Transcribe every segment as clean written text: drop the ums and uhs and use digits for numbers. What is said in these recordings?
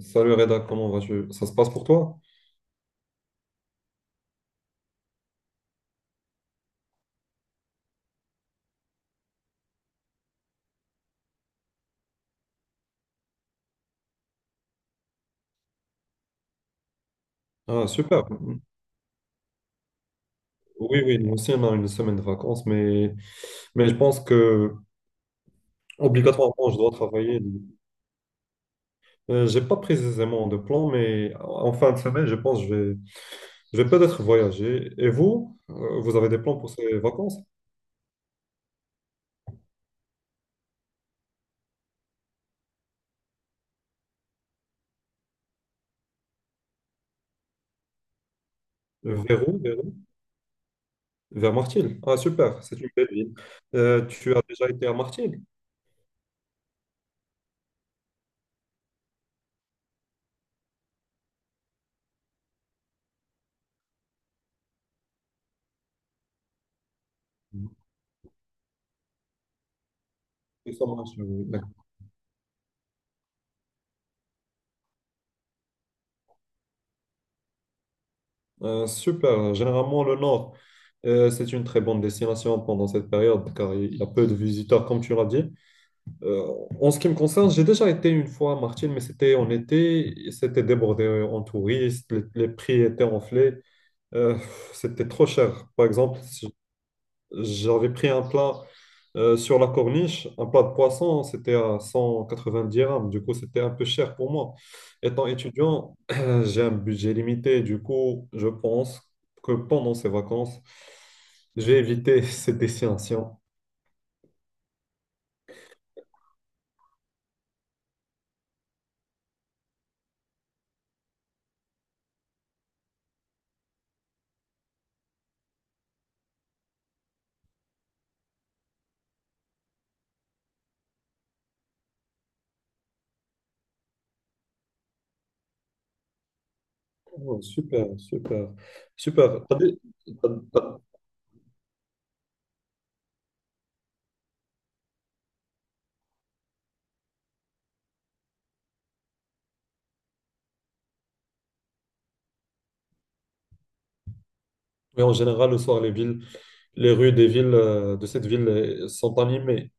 Salut Reda, comment vas-tu? Ça se passe pour toi? Ah, super. Oui, oui, nous aussi, on a une semaine de vacances, mais je pense que obligatoirement, je dois travailler. J'ai pas précisément de plan, mais en fin de semaine, je pense que je vais peut-être voyager. Et vous, vous avez des plans pour ces vacances? Vers où? Vers Martil. Ah, super, c'est une belle ville. Tu as déjà été à Martil? Mhm. Et ça marche, oui. Super. Généralement, le Nord, c'est une très bonne destination pendant cette période car il y a peu de visiteurs, comme tu l'as dit. Euh, en ce qui me concerne, j'ai déjà été une fois à Martine, mais c'était en été. Et c'était débordé en touristes, les prix étaient enflés. Euh, c'était trop cher. Par exemple, j'avais pris un plat sur la corniche, un plat de poisson, c'était à 190 dirhams. Du coup, c'était un peu cher pour moi. Étant étudiant, j'ai un budget limité. Du coup, je pense que pendant ces vacances, j'ai évité ces destination. Oh, super, super, super. T'as dé- t'as- t'as- Oui, en général, le soir, les rues des villes de cette ville sont animées.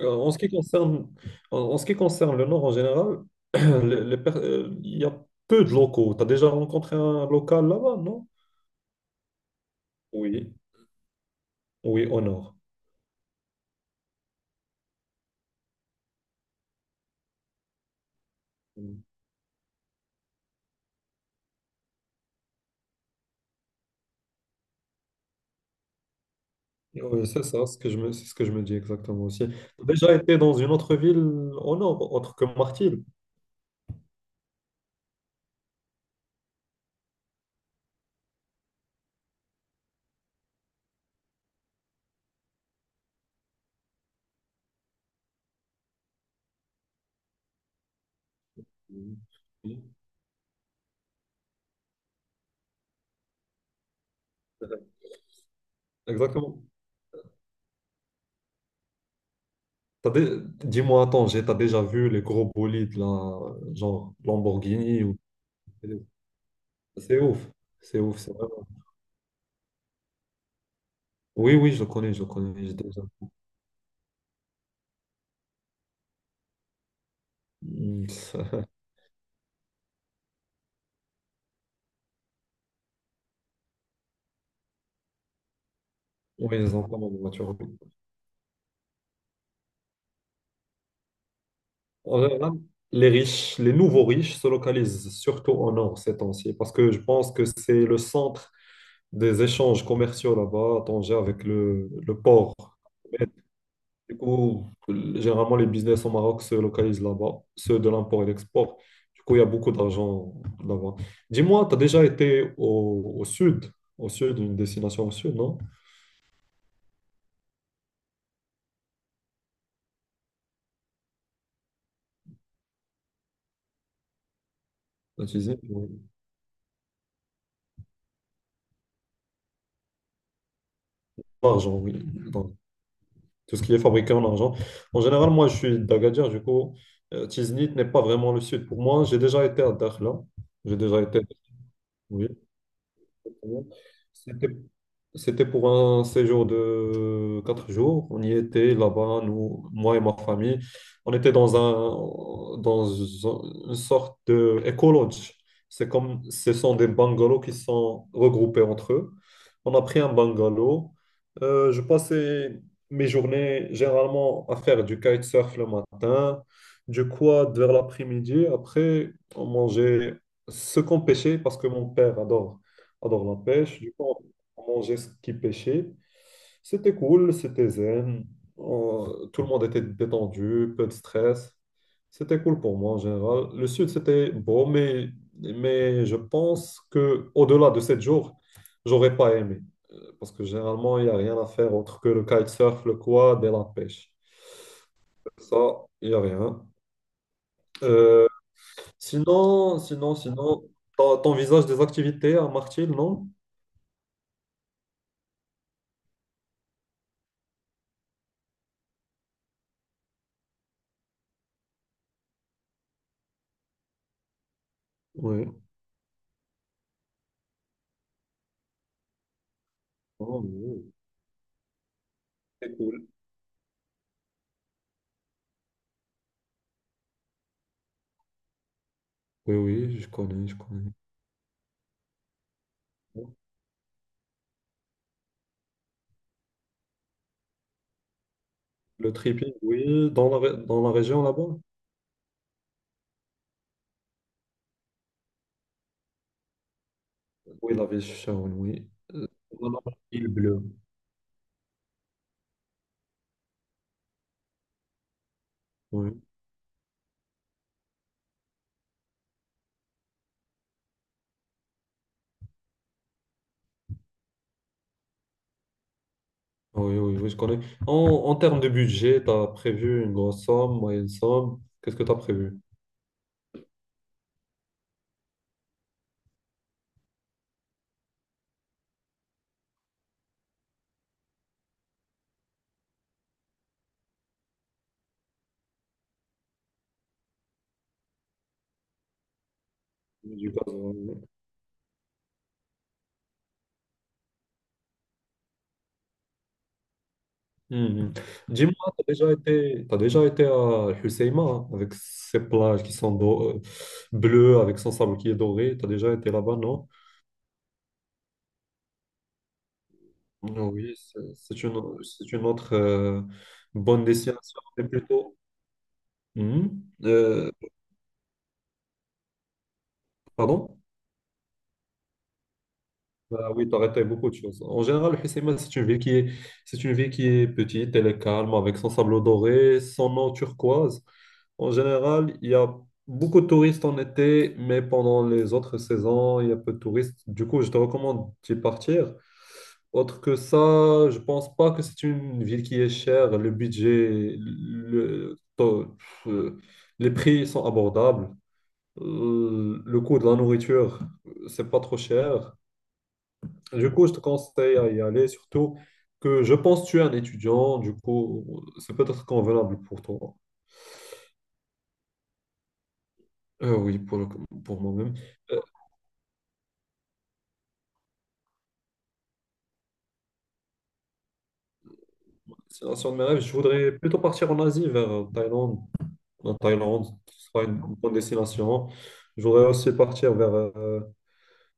En ce qui concerne, en ce qui concerne le Nord en général, il y a peu de locaux. Tu as déjà rencontré un local là-bas, non? Oui. Oui, au Nord. Mm. Oui, c'est ça, ce que je me, c'est ce que je me dis exactement aussi. Tu as déjà été dans une autre ville au Nord, autre que Martil? Mm. Oui. Exactement. T'as dé- Dis-moi, attends, t'as déjà vu les gros bolides, là, genre Lamborghini ou... C'est ouf. C'est ouf, c'est vrai. Oui, oui, je le connais, j'ai déjà. Mm, ça- Oui, ils ont pas mal de voitures. Oui. En général, les nouveaux riches se localisent surtout au nord ces temps-ci, parce que je pense que c'est le centre des échanges commerciaux là-bas, à Tanger, avec le port. Mais du coup, généralement, les business au Maroc se localisent là-bas, ceux de l'import et l'export. Du coup, il y a beaucoup d'argent là-bas. Dis-moi, tu as déjà été au, au sud, une destination au sud, non? Utiliser pour l'argent, oui. Donc, tout ce qui est fabriqué en argent. En général, moi, je suis d'Agadir, du coup, Tiznit n'est pas vraiment le sud. Pour moi, j'ai déjà été à Dakhla. J'ai déjà été, oui. Exactement. C'était, c'était pour un séjour de 4 jours. On y était là-bas, moi et ma famille. On était dans un, dans une sorte de éco-lodge. C'est comme, ce sont des bungalows qui sont regroupés entre eux. On a pris un bungalow. Je passais mes journées généralement à faire du kitesurf le matin, du quad vers l'après-midi. Après, on mangeait ce qu'on pêchait parce que mon père adore la pêche. Du coup, on mangeait ce qui pêchait. C'était cool, c'était zen. On- tout le monde était détendu, peu de stress. C'était cool pour moi en général. Le sud, c'était beau, mais, je pense que au-delà de 7 jours, j'aurais pas aimé. Parce que généralement, il n'y a rien à faire autre que le kitesurf, le quad et la pêche. Ça, il n'y a rien. Euh, sinon, sinon, t'envisages des activités à Martil, non? Oui. Oh, oui. C'est cool. Oui, oui, je connais, je connais. Le tripping, oui, dans la région là-bas? Oui, la ville Sharon, oui. Euh, dans la ville bleue. Oui, oui, oui, je connais. En, en termes de budget, tu as prévu une grosse somme, moyenne somme. Qu'est-ce que tu as prévu? Du gaz, oui. Mhm. Dis-moi, t'as déjà été à Husseima hein, avec ses plages qui sont bleues, avec son sable qui est doré. T'as déjà été là-bas, non? Non, oui, c'est une autre bonne destination, mais plutôt. Mhm. Euh, pardon? Ah oui, tu as raté beaucoup de choses. En général, Hussima, c'est une ville qui est petite, elle est calme, avec son sable doré, son eau turquoise. En général, il y a beaucoup de touristes en été, mais pendant les autres saisons, il y a peu de touristes. Du coup, je te recommande d'y partir. Autre que ça, je pense pas que c'est une ville qui est chère. Le budget, le, to- euh, les prix sont abordables. Le coût de la nourriture, c'est pas trop cher. Du coup, je te conseille à y aller, surtout que je pense que tu es un étudiant, du coup, c'est peut-être convenable pour toi. Oui, pour moi-même. Euh, sinon, sur mes rêves, je voudrais plutôt partir en Asie, vers Thaïlande. En Thaïlande, ce sera une bonne destination. Je voudrais aussi partir vers,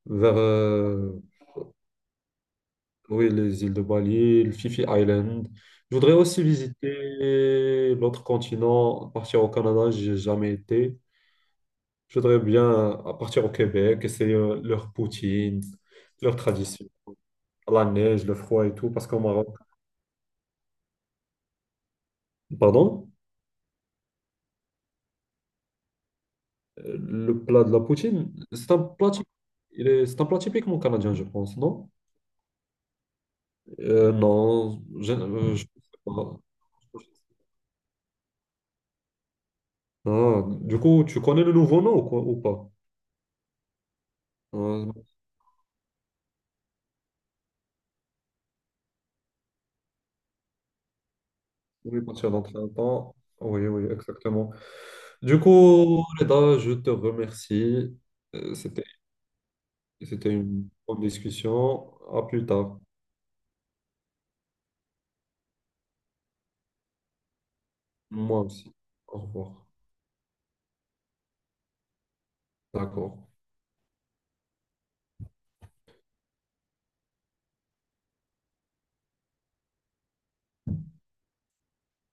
vers oui, les îles de Bali, le Phi Phi Island. Je voudrais aussi visiter l'autre continent, partir au Canada, j'ai jamais été. Je voudrais bien à partir au Québec, essayer leur poutine, leur tradition, la neige, le froid et tout, pardon, le plat de la poutine, c'est un plat, typique il est, c'est un plat typiquement canadien, je pense, non? Euh, non, je sais pas. Ah, du coup, tu connais le nouveau nom ou quoi, ou pas? Euh, oui, partir dans très longtemps. Oui, oui, exactement. Du coup, Reda, je te remercie. Euh, C'était C'était une bonne discussion. À plus tard. Moi aussi. Au revoir. D'accord.